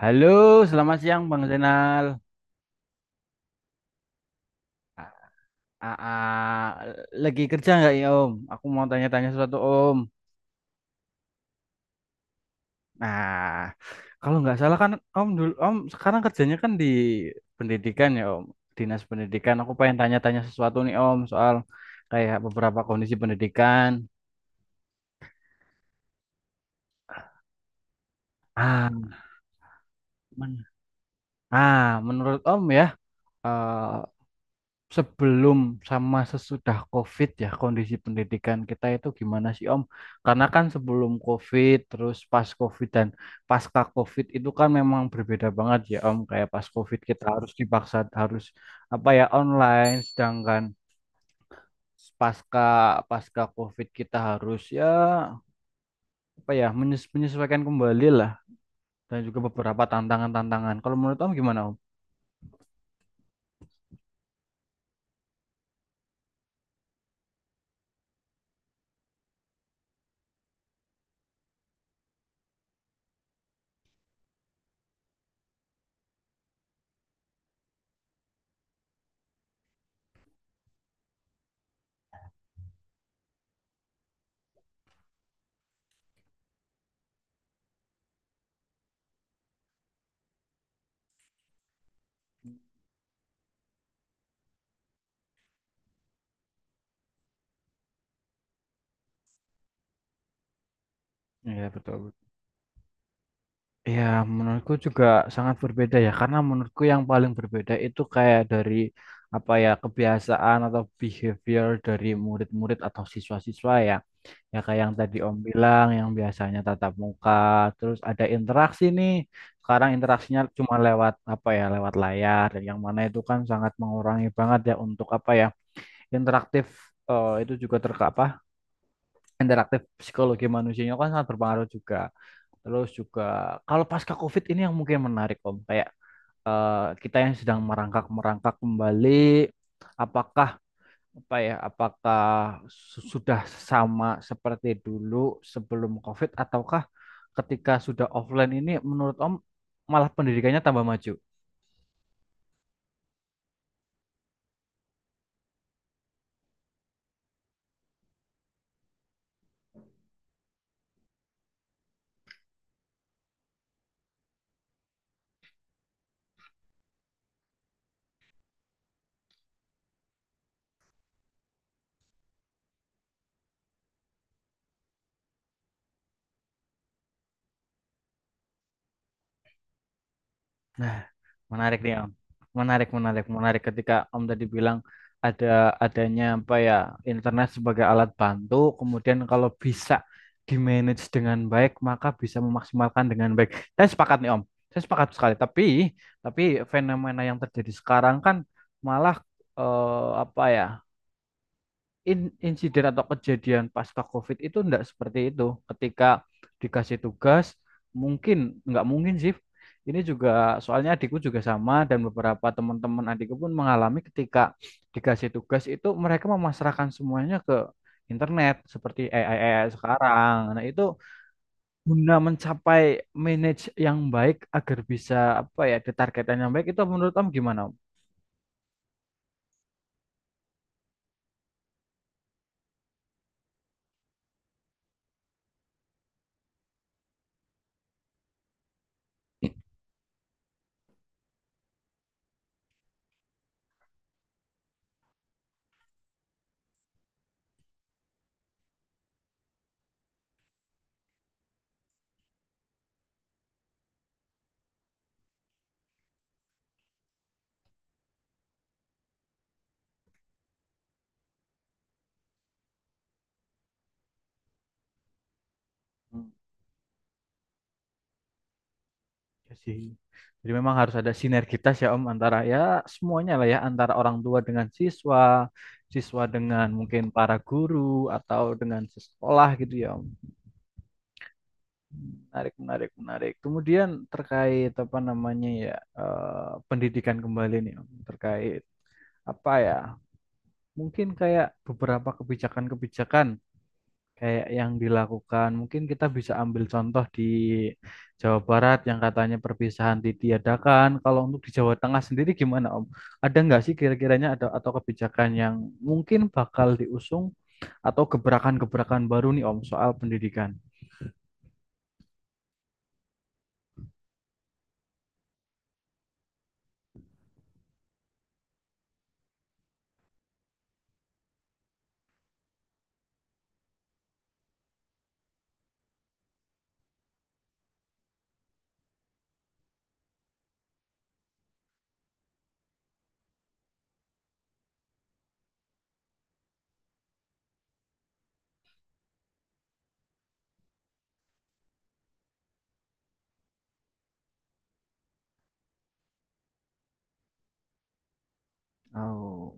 Halo, selamat siang Bang Zainal. A- a- a- lagi kerja nggak ya Om? Aku mau tanya-tanya sesuatu Om. Nah, kalau nggak salah kan Om dulu Om sekarang kerjanya kan di pendidikan ya Om, dinas pendidikan. Aku pengen tanya-tanya sesuatu nih Om soal kayak beberapa kondisi pendidikan. Ah, men- ah, menurut Om ya, eh, sebelum sama sesudah COVID ya kondisi pendidikan kita itu gimana sih Om? Karena kan sebelum COVID terus pas COVID dan pasca COVID itu kan memang berbeda banget ya Om. Kayak pas COVID kita harus dipaksa harus apa ya online, sedangkan pasca pasca COVID kita harus ya apa ya menyesuaikan kembali lah dan juga beberapa tantangan-tantangan. Kalau menurut Om gimana Om? Iya betul. Ya, menurutku juga sangat berbeda ya, karena menurutku yang paling berbeda itu kayak dari apa ya kebiasaan atau behavior dari murid-murid atau siswa-siswa ya. Ya kayak yang tadi Om bilang, yang biasanya tatap muka, terus ada interaksi nih. Sekarang interaksinya cuma lewat apa ya, lewat layar, dan yang mana itu kan sangat mengurangi banget ya untuk apa ya interaktif. Itu juga terkapa interaktif psikologi manusianya kan sangat berpengaruh juga. Terus juga kalau pasca COVID ini yang mungkin menarik Om, kayak kita yang sedang merangkak-merangkak kembali apakah apakah sudah sama seperti dulu sebelum COVID ataukah ketika sudah offline ini menurut Om malah pendidikannya tambah maju? Nah, menarik nih Om. Menarik, menarik, menarik ketika Om tadi bilang ada adanya apa ya internet sebagai alat bantu, kemudian kalau bisa di-manage dengan baik, maka bisa memaksimalkan dengan baik. Saya sepakat nih Om. Saya sepakat sekali, tapi fenomena yang terjadi sekarang kan malah apa ya? Insiden atau kejadian pasca COVID itu enggak seperti itu. Ketika dikasih tugas, mungkin nggak mungkin sih. Ini juga soalnya adikku juga sama dan beberapa teman-teman adikku pun mengalami ketika dikasih tugas itu mereka memasrahkan semuanya ke internet seperti AI, AI sekarang. Nah, itu guna mencapai manage yang baik agar bisa apa ya, ada targetan yang baik itu menurut kamu gimana? Om? Ya sih. Jadi memang harus ada sinergitas ya Om antara ya semuanya lah ya antara orang tua dengan siswa, siswa dengan mungkin para guru atau dengan sekolah gitu ya Om. Menarik, menarik, menarik. Kemudian terkait apa namanya ya pendidikan kembali nih Om terkait apa ya mungkin kayak beberapa kebijakan-kebijakan kayak yang dilakukan. Mungkin kita bisa ambil contoh di Jawa Barat yang katanya perpisahan ditiadakan. Kalau untuk di Jawa Tengah sendiri gimana, Om? Ada nggak sih kira-kiranya ada atau kebijakan yang mungkin bakal diusung atau gebrakan-gebrakan baru nih, Om, soal pendidikan? Oh.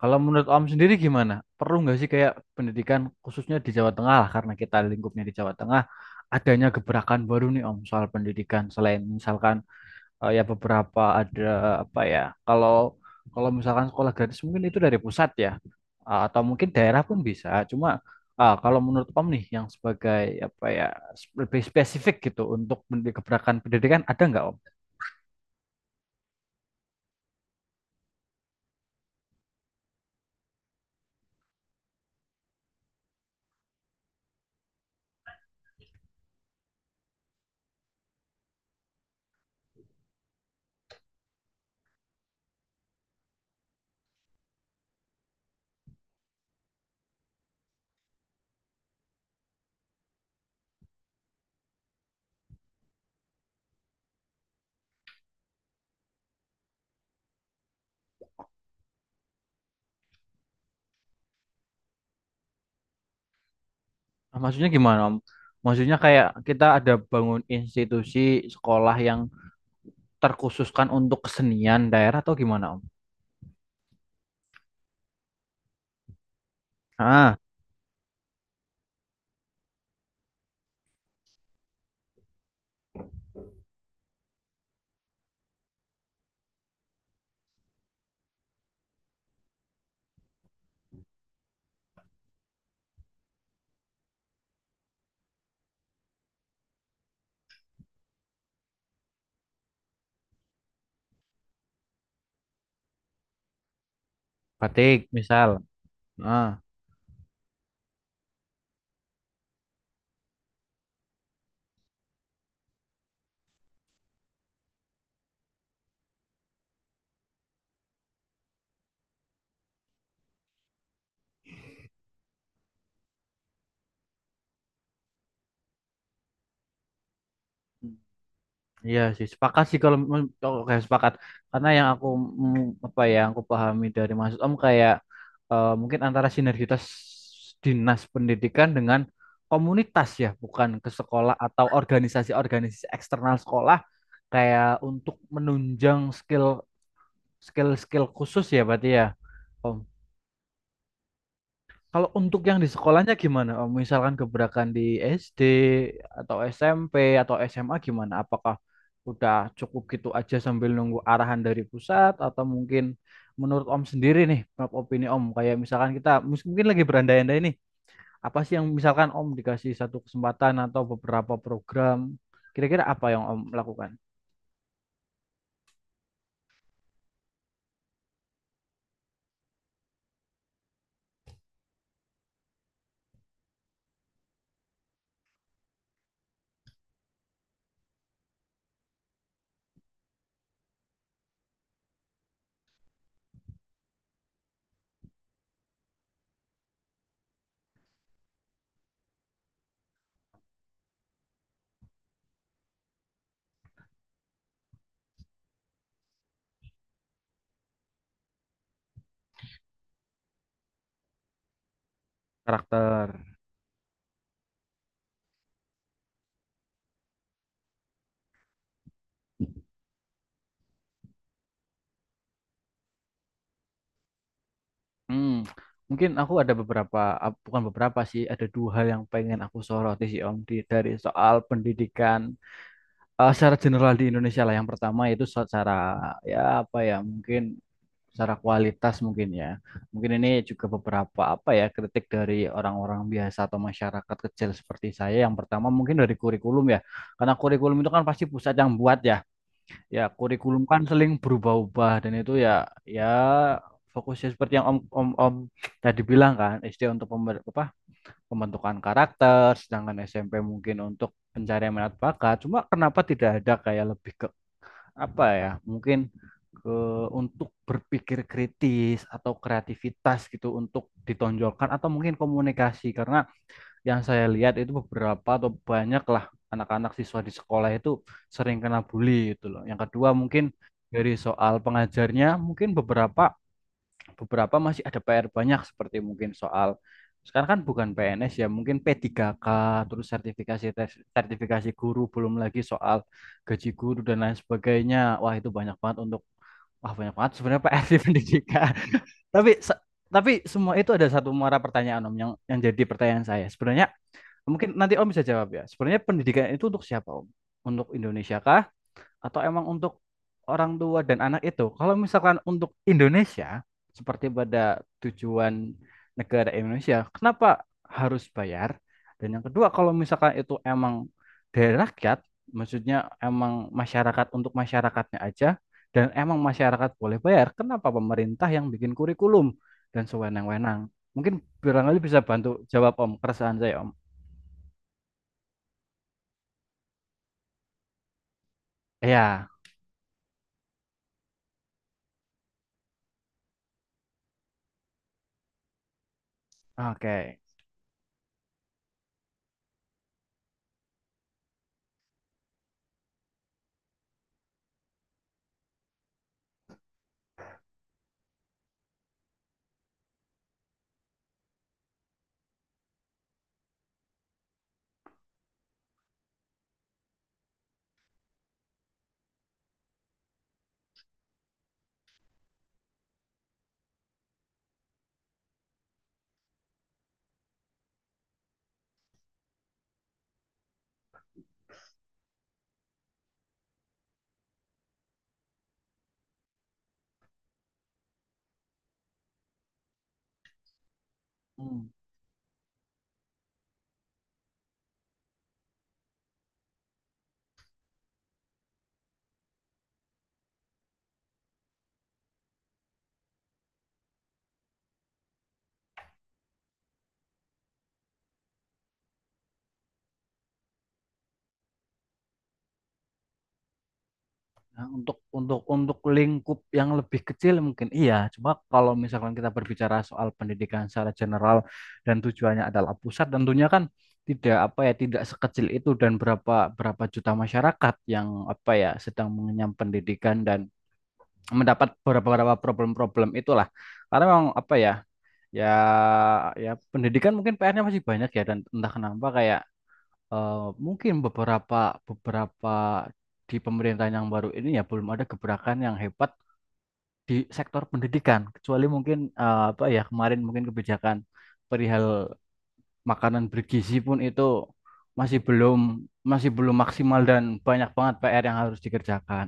Kalau menurut Om sendiri gimana? Perlu nggak sih kayak pendidikan khususnya di Jawa Tengah lah, karena kita lingkupnya di Jawa Tengah, adanya gebrakan baru nih Om soal pendidikan selain misalkan ya beberapa ada apa ya kalau kalau misalkan sekolah gratis mungkin itu dari pusat ya. Atau mungkin daerah pun bisa cuma kalau menurut Om nih yang sebagai apa ya lebih spesifik gitu untuk gebrakan pendidikan ada nggak Om? Maksudnya gimana Om? Maksudnya kayak kita ada bangun institusi sekolah yang terkhususkan untuk kesenian daerah atau gimana Om? Ah, batik misal. Ah. Iya sih, sepakat sih, oke sepakat. Karena yang aku apa ya, yang aku pahami dari maksud Om kayak mungkin antara sinergitas dinas pendidikan dengan komunitas ya, bukan ke sekolah atau organisasi-organisasi eksternal sekolah kayak untuk menunjang skill skill skill khusus ya berarti ya, Om. Kalau untuk yang di sekolahnya gimana? Om? Misalkan gebrakan di SD atau SMP atau SMA gimana? Apakah udah cukup gitu aja sambil nunggu arahan dari pusat atau mungkin menurut Om sendiri nih, menurut opini Om, kayak misalkan kita mungkin lagi berandai-andai nih, apa sih yang misalkan Om dikasih satu kesempatan atau beberapa program, kira-kira apa yang Om lakukan? Karakter. Hmm, mungkin aku ada beberapa, bukan beberapa sih, ada dua hal yang pengen aku soroti sih Om dari soal pendidikan secara general di Indonesia lah. Yang pertama itu secara ya apa ya mungkin secara kualitas mungkin ya. Mungkin ini juga beberapa apa ya kritik dari orang-orang biasa atau masyarakat kecil seperti saya. Yang pertama mungkin dari kurikulum ya, karena kurikulum itu kan pasti pusat yang buat ya. Ya, kurikulum kan seling berubah-ubah dan itu ya ya fokusnya seperti yang Om Om Om tadi bilang kan, SD untuk pembentukan karakter, sedangkan SMP mungkin untuk pencarian minat bakat. Cuma kenapa tidak ada kayak lebih ke apa ya? Mungkin ke untuk berpikir kritis atau kreativitas gitu untuk ditonjolkan atau mungkin komunikasi karena yang saya lihat itu beberapa atau banyak lah anak-anak siswa di sekolah itu sering kena bully itu loh. Yang kedua mungkin dari soal pengajarnya mungkin beberapa beberapa masih ada PR banyak seperti mungkin soal sekarang kan bukan PNS ya mungkin P3K terus sertifikasi tes, sertifikasi guru belum lagi soal gaji guru dan lain sebagainya. Wah itu banyak banget wah banyak banget sebenarnya PR di pendidikan. Tapi se- tapi semua itu ada satu muara pertanyaan Om yang jadi pertanyaan saya. Sebenarnya. Mungkin nanti Om bisa jawab ya. Sebenarnya pendidikan itu untuk siapa Om? Untuk Indonesia kah? Atau emang untuk orang tua dan anak itu? Kalau misalkan untuk Indonesia, seperti pada tujuan negara Indonesia, kenapa harus bayar? Dan yang kedua, kalau misalkan itu emang dari rakyat, maksudnya emang masyarakat untuk masyarakatnya aja, dan emang masyarakat boleh bayar, kenapa pemerintah yang bikin kurikulum dan sewenang-wenang? Mungkin barangkali bisa bantu jawab Om, keresahan saya Om. Iya. Oke. Hmm. Nah, untuk lingkup yang lebih kecil mungkin iya. Cuma kalau misalkan kita berbicara soal pendidikan secara general dan tujuannya adalah pusat, tentunya kan tidak apa ya tidak sekecil itu dan berapa berapa juta masyarakat yang apa ya sedang mengenyam pendidikan dan mendapat beberapa problem-problem itulah. Karena memang apa ya ya pendidikan mungkin PR-nya masih banyak ya dan entah kenapa kayak eh, mungkin beberapa beberapa di pemerintahan yang baru ini ya belum ada gebrakan yang hebat di sektor pendidikan kecuali mungkin apa ya kemarin mungkin kebijakan perihal makanan bergizi pun itu masih belum masih belum maksimal dan banyak banget PR yang harus dikerjakan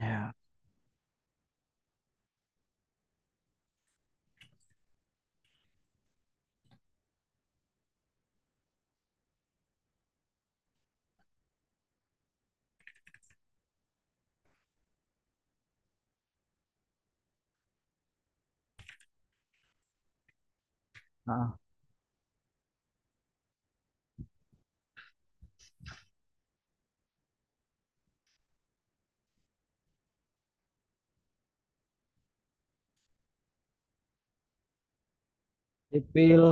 ya. Nah, sipil.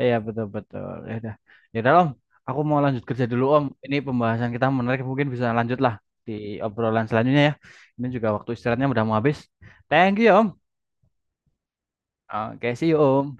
Iya, betul betul. Ya udah. Ya udah Om, aku mau lanjut kerja dulu Om. Ini pembahasan kita menarik, mungkin bisa lanjut lah di obrolan selanjutnya ya. Ini juga waktu istirahatnya udah mau habis. Thank you ya Om. Oke, see you Om.